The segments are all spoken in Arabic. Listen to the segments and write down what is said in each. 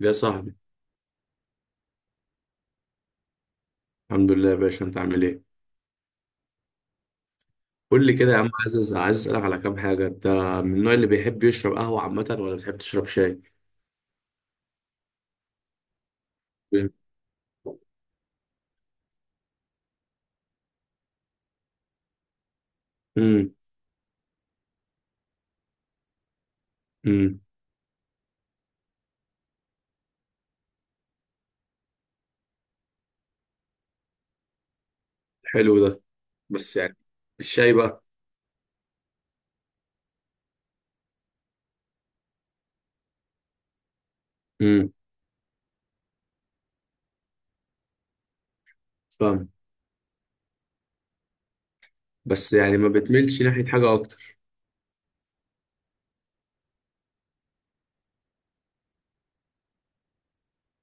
يا صاحبي. الحمد لله يا باشا، انت عامل ايه؟ قول لي كده يا عم. الحمد لله. عايز اسالك على كام حاجه. انت من النوع اللي بيحب يشرب قهوه عامه، ولا بتحب تشرب شاي؟ امم. امم. حلو ده. بس يعني الشاي بقى؟ امم. فاهم. بس يعني ما بتميلش ناحيه حاجه اكتر؟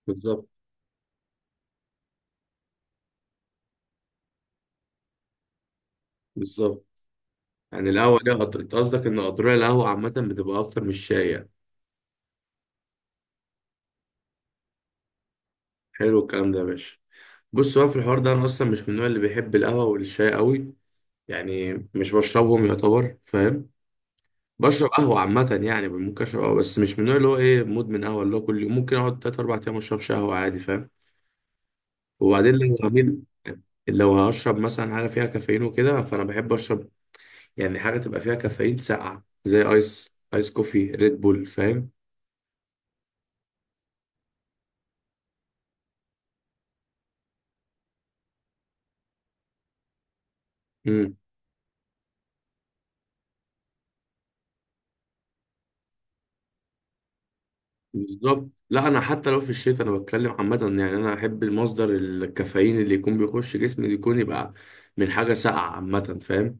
بالظبط، بالظبط. يعني القهوه دي قدر، انت قصدك ان قدرها القهوه عامه بتبقى اكتر من الشاي يعني. حلو الكلام ده يا باشا. بص بقى، في الحوار ده انا اصلا مش من النوع اللي بيحب القهوه والشاي قوي. يعني مش بشربهم يعتبر، فاهم. بشرب قهوة عامة، يعني ممكن أشرب قهوة، بس مش من النوع اللي هو إيه مدمن قهوة، اللي هو كل يوم. ممكن أقعد تلات أربع أيام مشربش قهوة عادي، فاهم. وبعدين لو هميل، لو هشرب مثلا حاجة فيها كافيين وكده، فأنا بحب أشرب. يعني حاجة تبقى فيها كافيين ساقعة، زي آيس كوفي، ريد بول، فاهم. امم. بالظبط. لا أنا حتى لو في الشتاء أنا بتكلم عامة، يعني أنا أحب المصدر الكافيين اللي يكون بيخش جسمي يكون يبقى من حاجة ساقعة عامة، فاهم.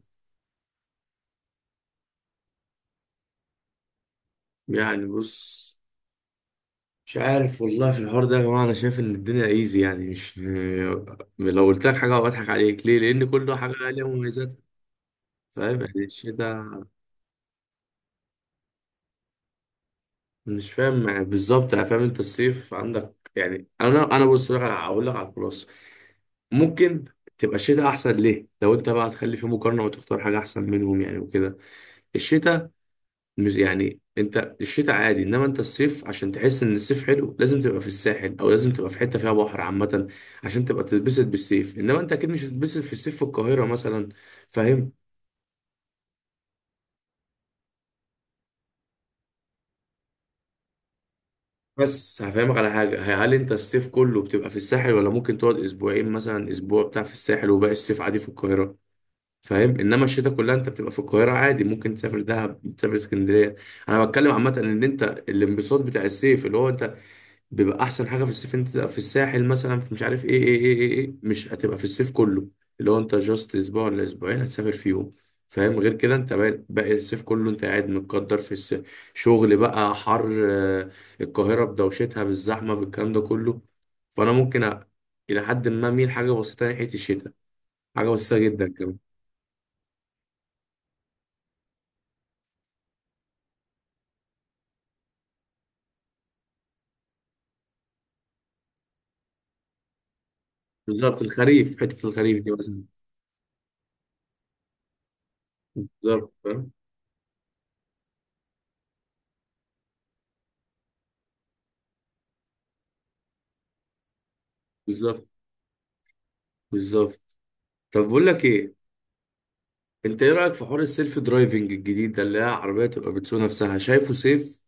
يعني بص، مش عارف والله. في الحوار ده يا جماعة، أنا شايف إن الدنيا إيزي يعني. مش لو قلت لك حاجة بضحك عليك. ليه؟ لأن كل حاجة ليها مميزاتها. فاهم يعني الشتاء. مش فاهم يعني بالظبط، يعني فاهم أنت الصيف عندك. يعني أنا هقول لك على الخلاصة. ممكن تبقى الشتاء أحسن. ليه؟ لو أنت بقى هتخلي في مقارنة وتختار حاجة أحسن منهم يعني وكده، الشتاء. مش يعني انت الشتاء عادي، انما انت الصيف عشان تحس ان الصيف حلو لازم تبقى في الساحل، او لازم تبقى في حته فيها بحر عامه، عشان تبقى تتبسط بالصيف. انما انت اكيد مش هتتبسط في الصيف في القاهره مثلا، فاهم. بس هفهمك على حاجه، هل انت الصيف كله بتبقى في الساحل، ولا ممكن تقعد اسبوعين مثلا، اسبوع بتاع في الساحل وباقي الصيف عادي في القاهره؟ فاهم. انما الشتاء كلها انت بتبقى في القاهره عادي. ممكن تسافر دهب، تسافر اسكندريه. انا بتكلم عامه ان انت الانبساط بتاع الصيف اللي هو انت، بيبقى احسن حاجه في الصيف انت تبقى في الساحل مثلا، في مش عارف إيه. مش هتبقى في الصيف كله، اللي هو انت جاست اسبوع ولا اسبوعين هتسافر فيهم. فاهم. غير كده انت باقي الصيف كله انت قاعد متقدر. شغل بقى حر. القاهره بدوشتها بالزحمه بالكلام ده كله. فانا ممكن الى حد ما اميل حاجه بسيطه ناحيه الشتاء، حاجه بسيطه جدا كمان. بالظبط الخريف، حته الخريف دي مثلا. بالظبط فاهم؟ بالظبط، بالظبط. طب بقول لك ايه، انت ايه رأيك في حوار السيلف درايفنج الجديد ده، اللي هي عربية تبقى بتسوق نفسها شايفه سيف؟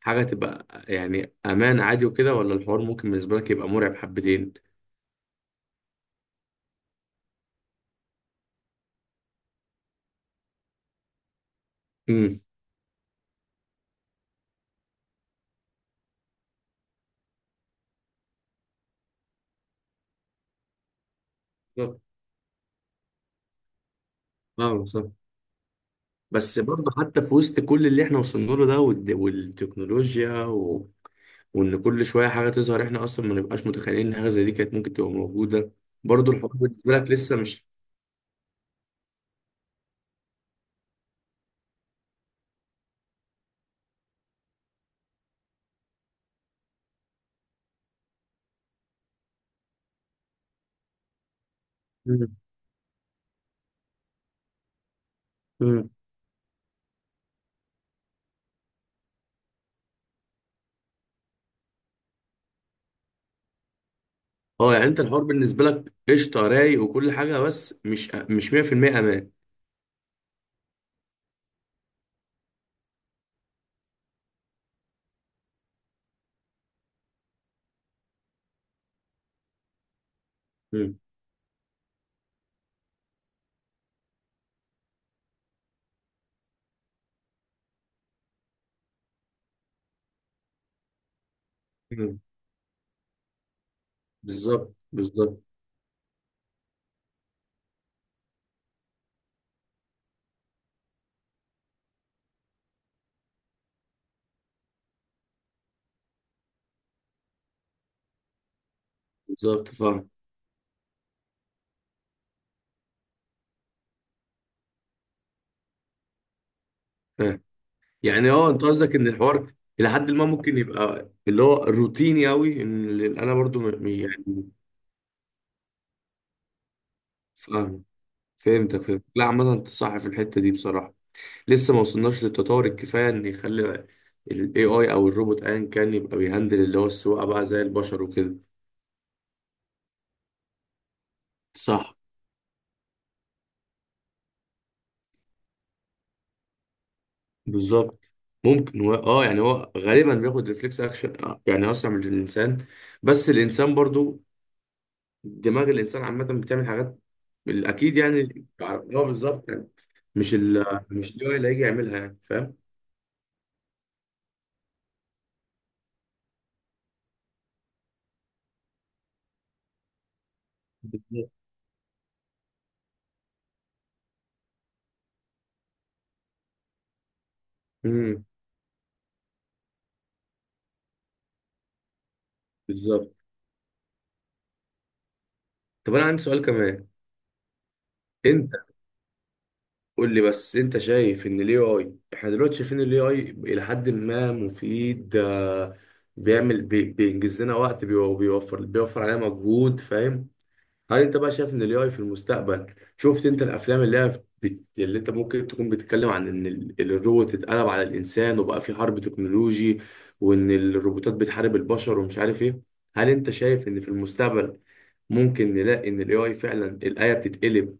حاجة تبقى يعني امان عادي وكده، ولا الحوار ممكن بالنسبة لك يبقى مرعب حبتين؟ امم. بالظبط. اه صح. بس برضه حتى في وسط كل اللي احنا وصلنا له ده، والتكنولوجيا، وان كل شوية حاجة تظهر، احنا اصلا ما نبقاش متخيلين ان حاجة زي دي كانت ممكن تبقى موجودة. برضه الحوار بالنسبة لك لسه مش. مم. مم. اه، يعني انت الحوار بالنسبة لك قشطة رايق وكل حاجة، بس مش 100% امان. مم. بالظبط، بالظبط، بالظبط. فاهم، فاهم. يعني اه انت قصدك ان الحوار الى حد ما ممكن يبقى اللي هو روتيني قوي، ان انا برضو يعني. فاهم. فهمتك فهمت، لا عامة انت صح في الحتة دي بصراحة. لسه ما وصلناش للتطور الكفاية ان يخلي الاي اي او الروبوت ايا كان يبقى بيهندل اللي هو السواقة بقى زي البشر وكده. صح. بالظبط. ممكن هو اه يعني هو غالبا بياخد ريفلكس اكشن، يعني اسرع من الانسان. بس الانسان برضو دماغ الانسان عامه بتعمل حاجات اكيد يعني. هو بالظبط يعني مش ال مش اللي هو اللي هيجي يعملها، يعني فاهم. بالظبط. امم. بالظبط. طب انا عندي سؤال كمان، انت قول لي بس. انت شايف ان الاي اي، احنا دلوقتي شايفين الاي اي الى حد ما مفيد، بيعمل بينجز لنا وقت، بيوفر علينا مجهود، فاهم. هل انت بقى شايف ان الاي اي في المستقبل، شفت انت الافلام اللي هي اللي انت ممكن تكون بتتكلم عن ان الروبوت اتقلب على الانسان وبقى في حرب تكنولوجي، وان الروبوتات بتحارب البشر ومش عارف ايه. هل انت شايف ان في المستقبل ممكن نلاقي ان الاي اي فعلا الايه بتتقلب،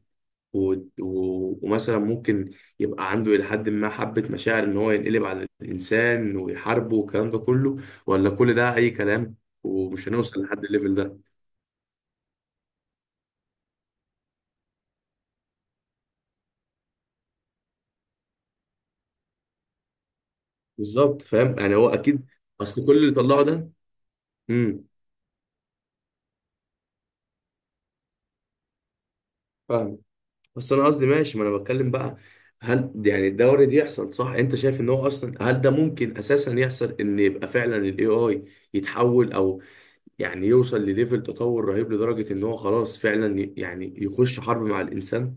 و... ومثلا ممكن يبقى عنده الى حد ما حبه مشاعر ان هو ينقلب على الانسان ويحاربه والكلام ده كله. ولا كل ده اي كلام، ومش هنوصل لحد الليفل ده؟ بالظبط. فاهم يعني هو اكيد، اصل كل اللي طلعه ده. امم. فاهم. بس انا قصدي ماشي، ما انا بتكلم بقى، هل يعني ده وارد يحصل صح؟ انت شايف ان هو اصلا هل ده ممكن اساسا يحصل، ان يبقى فعلا الاي اي يتحول او يعني يوصل لليفل تطور رهيب لدرجة ان هو خلاص فعلا يعني يخش حرب مع الانسان.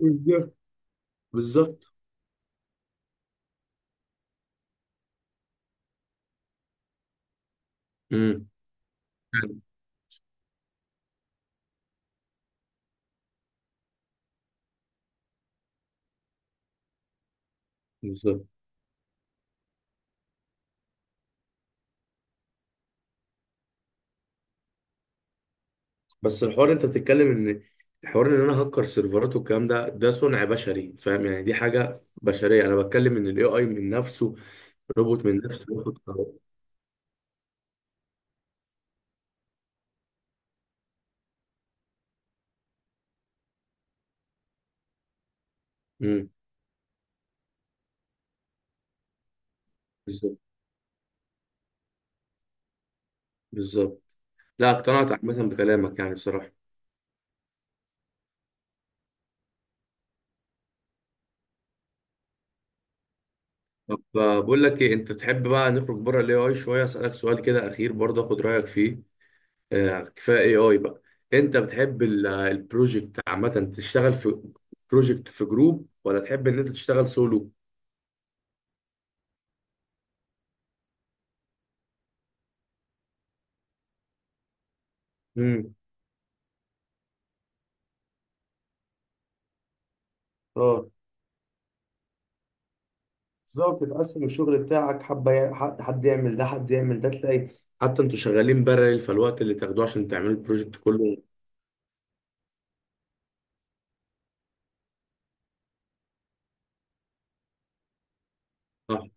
بالظبط. بالظبط. امم. بالظبط. بس الحوار انت بتتكلم ان الحوار ان انا هكر سيرفرات والكلام ده، ده صنع بشري، فاهم. يعني دي حاجه بشريه. انا بتكلم ان الاي اي من نفسه، روبوت من نفسه ياخد قرار. امم. بالظبط. بالظبط. لا اقتنعت عامه بكلامك يعني بصراحه. طب، بقول لك ايه، انت بتحب بقى نخرج بره الاي اي شويه، اسالك سؤال كده اخير برضه اخد رايك فيه. كفايه اي اي بقى. انت بتحب البروجكت عامه تشتغل في بروجكت في جروب، ولا تحب ان انت تشتغل سولو؟ امم. اه. بالظبط، تقسم الشغل بتاعك حبة، حد يعمل ده، حد يعمل ده، تلاقي حتى انتوا شغالين بارل، فالوقت اللي تاخدوه عشان تعملوا البروجكت كله. صح.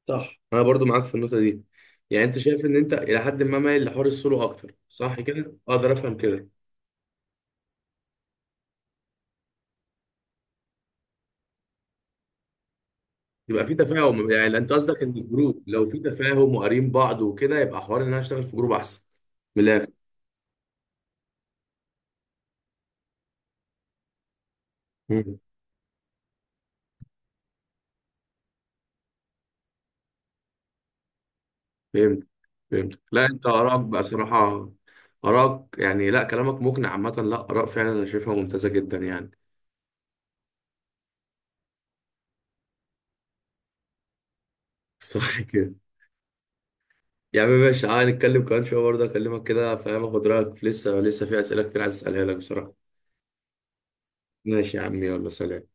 صح. انا برضو معاك في النقطة دي. يعني انت شايف ان انت الى حد ما مايل لحوار السولو اكتر، صح كده؟ اقدر افهم كده. يبقى في تفاهم، يعني انت قصدك ان الجروب لو في تفاهم وقارين بعض وكده يبقى حوار ان انا اشتغل في جروب احسن. من الاخر. مم. فهمت. فهمت. لا انت ارائك بقى صراحة، ارائك يعني، لا كلامك مقنع عامة. لا اراء فعلا انا شايفها ممتازة جدا يعني. صح كده. يا عم ماشي، تعالى نتكلم كمان شوية برضه أكلمك كده، فاهم، أخد رأيك في، لسه لسه في أسئلة كتير عايز أسألها لك بصراحة. ماشي يا عم. يلا سلام.